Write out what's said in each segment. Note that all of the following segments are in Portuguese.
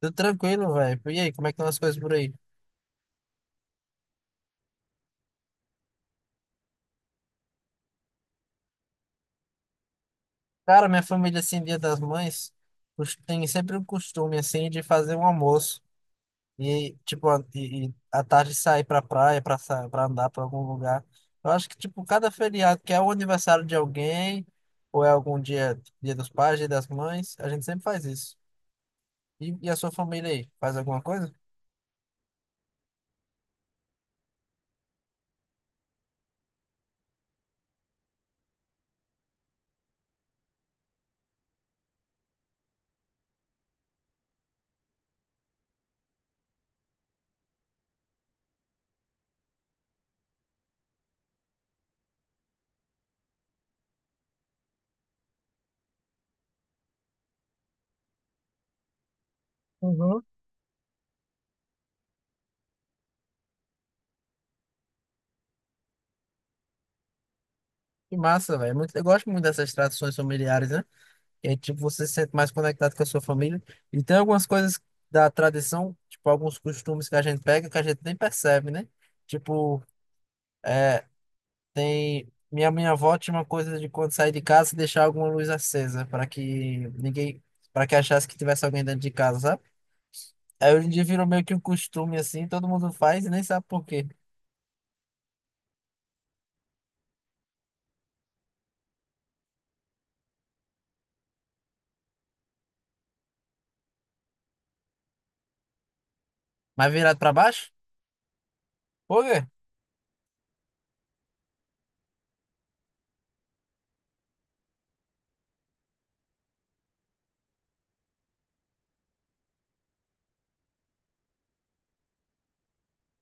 Tudo tranquilo, velho. E aí, como é que estão as coisas por aí? Cara, minha família, assim, Dia das Mães, tem sempre o costume, assim, de fazer um almoço. E, tipo, e à tarde sair pra praia, pra, pra andar pra algum lugar. Eu acho que, tipo, cada feriado, que é o aniversário de alguém, ou é algum dia, Dia dos Pais, Dia das Mães, a gente sempre faz isso. E a sua família aí, faz alguma coisa? Uhum. Que massa, velho. Eu gosto muito dessas tradições familiares, né? E aí, tipo, você se sente mais conectado com a sua família. E tem algumas coisas da tradição, tipo, alguns costumes que a gente pega que a gente nem percebe, né? Tipo, tem. Minha avó tinha uma coisa de quando sair de casa deixar alguma luz acesa para que ninguém. Para que achasse que tivesse alguém dentro de casa, sabe? Aí hoje em dia virou meio que um costume assim, todo mundo faz e nem sabe por quê. Mas virado para baixo? Por quê?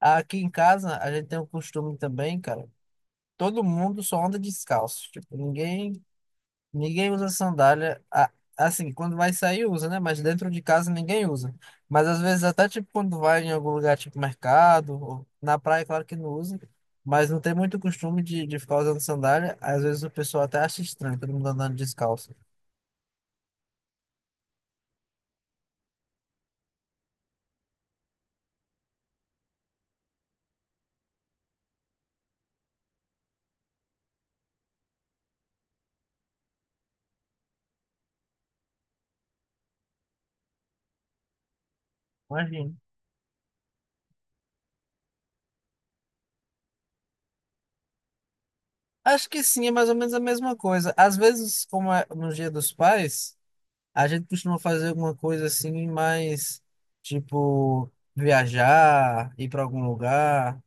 Aqui em casa a gente tem um costume também, cara. Todo mundo só anda descalço. Tipo, ninguém usa sandália. Assim, quando vai sair, usa, né? Mas dentro de casa ninguém usa. Mas às vezes, até tipo quando vai em algum lugar, tipo mercado, ou na praia, claro que não usa. Mas não tem muito costume de ficar usando sandália. Às vezes o pessoal até acha estranho, todo mundo andando descalço. Imagina. Acho que sim, é mais ou menos a mesma coisa. Às vezes, como é no Dia dos Pais, a gente costuma fazer alguma coisa assim, mais tipo viajar, ir para algum lugar.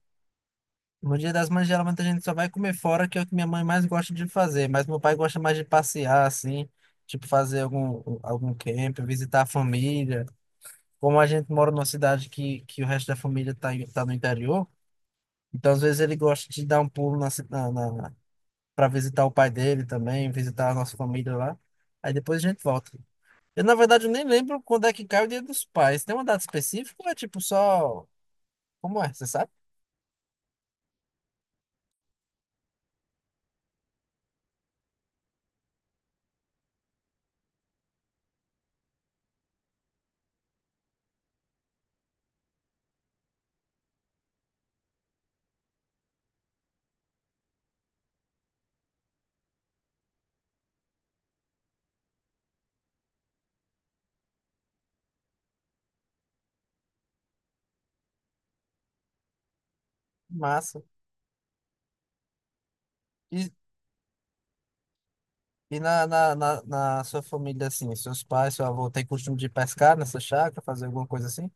No Dia das Mães, geralmente a gente só vai comer fora, que é o que minha mãe mais gosta de fazer, mas meu pai gosta mais de passear, assim, tipo fazer algum camp, visitar a família. Como a gente mora numa cidade que o resto da família tá, tá no interior, então às vezes ele gosta de dar um pulo na, para visitar o pai dele também, visitar a nossa família lá. Aí depois a gente volta. Eu, na verdade, eu nem lembro quando é que cai o Dia dos Pais. Tem uma data específica ou é tipo só. Como é? Você sabe? Massa. E, E na sua família, assim, seus pais, seu avô, tem costume de pescar nessa chácara, fazer alguma coisa assim?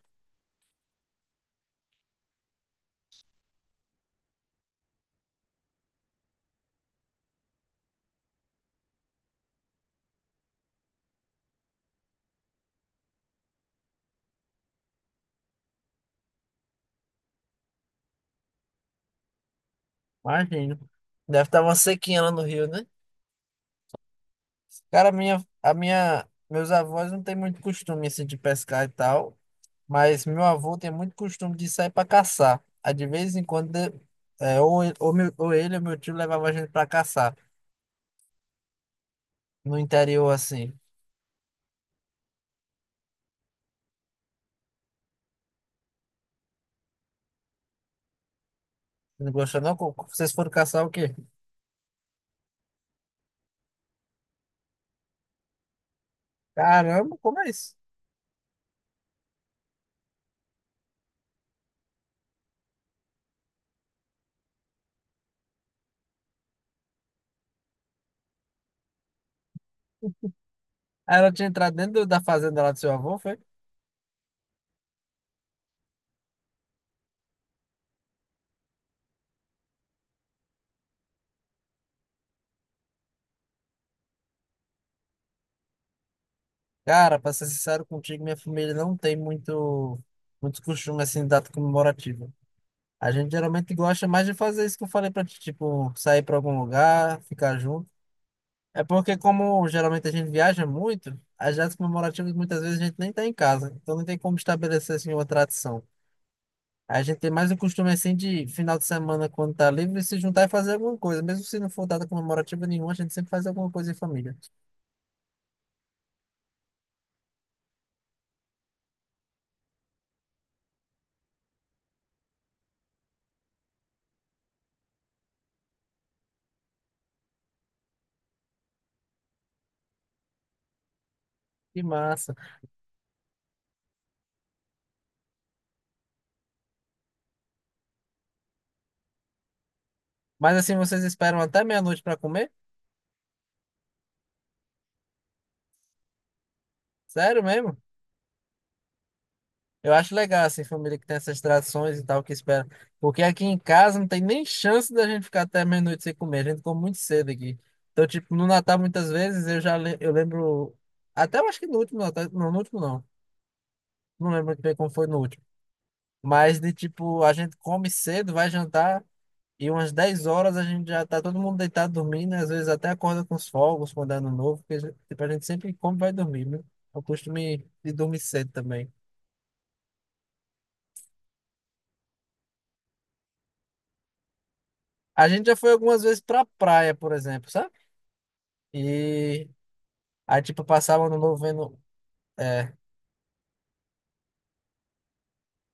Imagino. Deve estar uma sequinha lá no rio, né? Cara, meus avós não têm muito costume, assim, de pescar e tal, mas meu avô tem muito costume de sair para caçar. Aí, de vez em quando, ou ele ou meu tio levava a gente para caçar, no interior, assim. Não gostou, não? Vocês foram caçar o quê? Caramba, como é isso? Aí ela tinha entrado dentro da fazenda lá do seu avô, foi? Cara, pra ser sincero contigo, minha família não tem muito, muito costume assim, de data comemorativa. A gente geralmente gosta mais de fazer isso que eu falei pra ti, tipo, sair pra algum lugar, ficar junto. É porque, como geralmente a gente viaja muito, as datas comemorativas muitas vezes a gente nem tá em casa, então não tem como estabelecer assim uma tradição. A gente tem mais o costume assim de final de semana, quando tá livre, se juntar e fazer alguma coisa. Mesmo se não for data comemorativa nenhuma, a gente sempre faz alguma coisa em família. Que massa. Mas assim, vocês esperam até meia-noite pra comer? Sério mesmo? Eu acho legal, assim, família que tem essas tradições e tal, que espera. Porque aqui em casa não tem nem chance da gente ficar até meia-noite sem comer. A gente come muito cedo aqui. Então, tipo, no Natal, muitas vezes, eu lembro. Até eu acho que no último Natal. Não, no último não. Não lembro muito bem como foi no último. Mas de tipo, a gente come cedo, vai jantar, e umas 10 horas a gente já tá todo mundo deitado dormindo, né? Às vezes até acorda com os fogos quando é ano novo, porque tipo, a gente sempre come e vai dormir, né? Eu costumo de dormir cedo também. A gente já foi algumas vezes pra praia, por exemplo, sabe? E aí, tipo, passava ano novo vendo. É,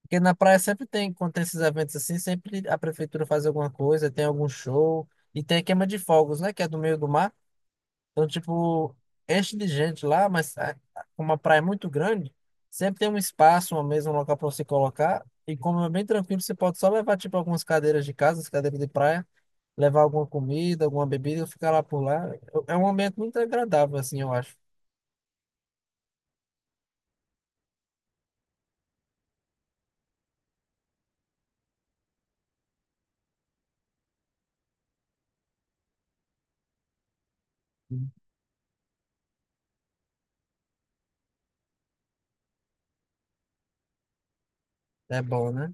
porque na praia sempre tem, quando tem esses eventos assim, sempre a prefeitura faz alguma coisa, tem algum show, e tem a queima de fogos, né? Que é do meio do mar. Então, tipo, enche de gente lá, mas é, como a praia é muito grande, sempre tem um espaço, uma mesa, um local pra você colocar. E como é bem tranquilo, você pode só levar, tipo, algumas cadeiras de casa, as cadeiras de praia, levar alguma comida, alguma bebida, e ficar lá por lá. É um ambiente muito agradável, assim, eu acho. É bom, né?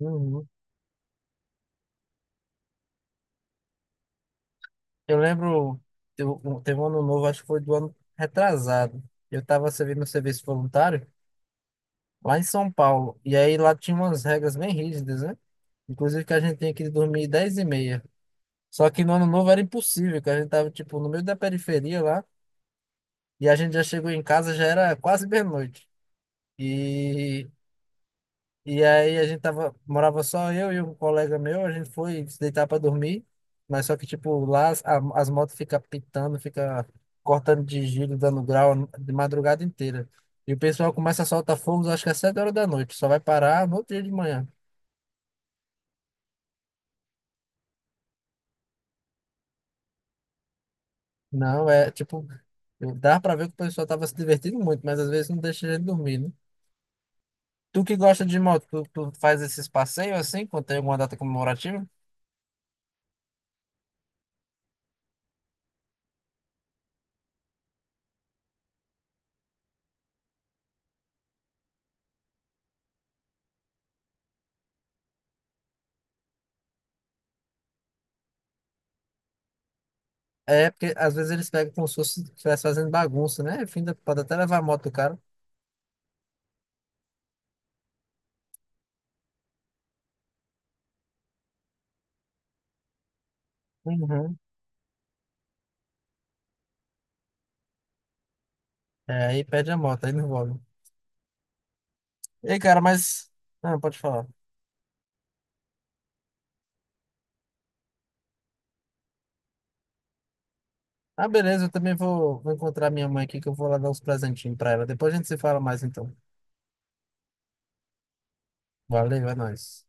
Uhum. Eu lembro, teve um ano novo, acho que foi do ano retrasado. Eu estava servindo serviço voluntário lá em São Paulo. E aí lá tinha umas regras bem rígidas, né? Inclusive que a gente tinha que dormir 10:30. Só que no ano novo era impossível, que a gente tava, tipo, no meio da periferia lá. E a gente já chegou em casa, já era quase meia-noite. E E aí a gente tava, morava só eu e um colega meu, a gente foi se deitar para dormir, mas só que tipo lá as motos ficam pitando, fica cortando de giro, dando grau de madrugada inteira. E o pessoal começa a soltar fogos, acho que às 7 horas da noite, só vai parar no outro dia de manhã. Não, é tipo, dá para ver que o pessoal tava se divertindo muito, mas às vezes não deixa a gente dormir, né? Tu que gosta de moto, tu faz esses passeios assim, quando tem alguma data comemorativa? É, porque às vezes eles pegam como se fosse estivesse fazendo bagunça, né? Enfim, pode até levar a moto do cara. Uhum. É, aí perde a moto, aí não envolve. Ei, cara, mas. Não, pode falar. Ah, beleza, eu também vou encontrar minha mãe aqui, que eu vou lá dar uns presentinhos pra ela. Depois a gente se fala mais então. Valeu, é nóis.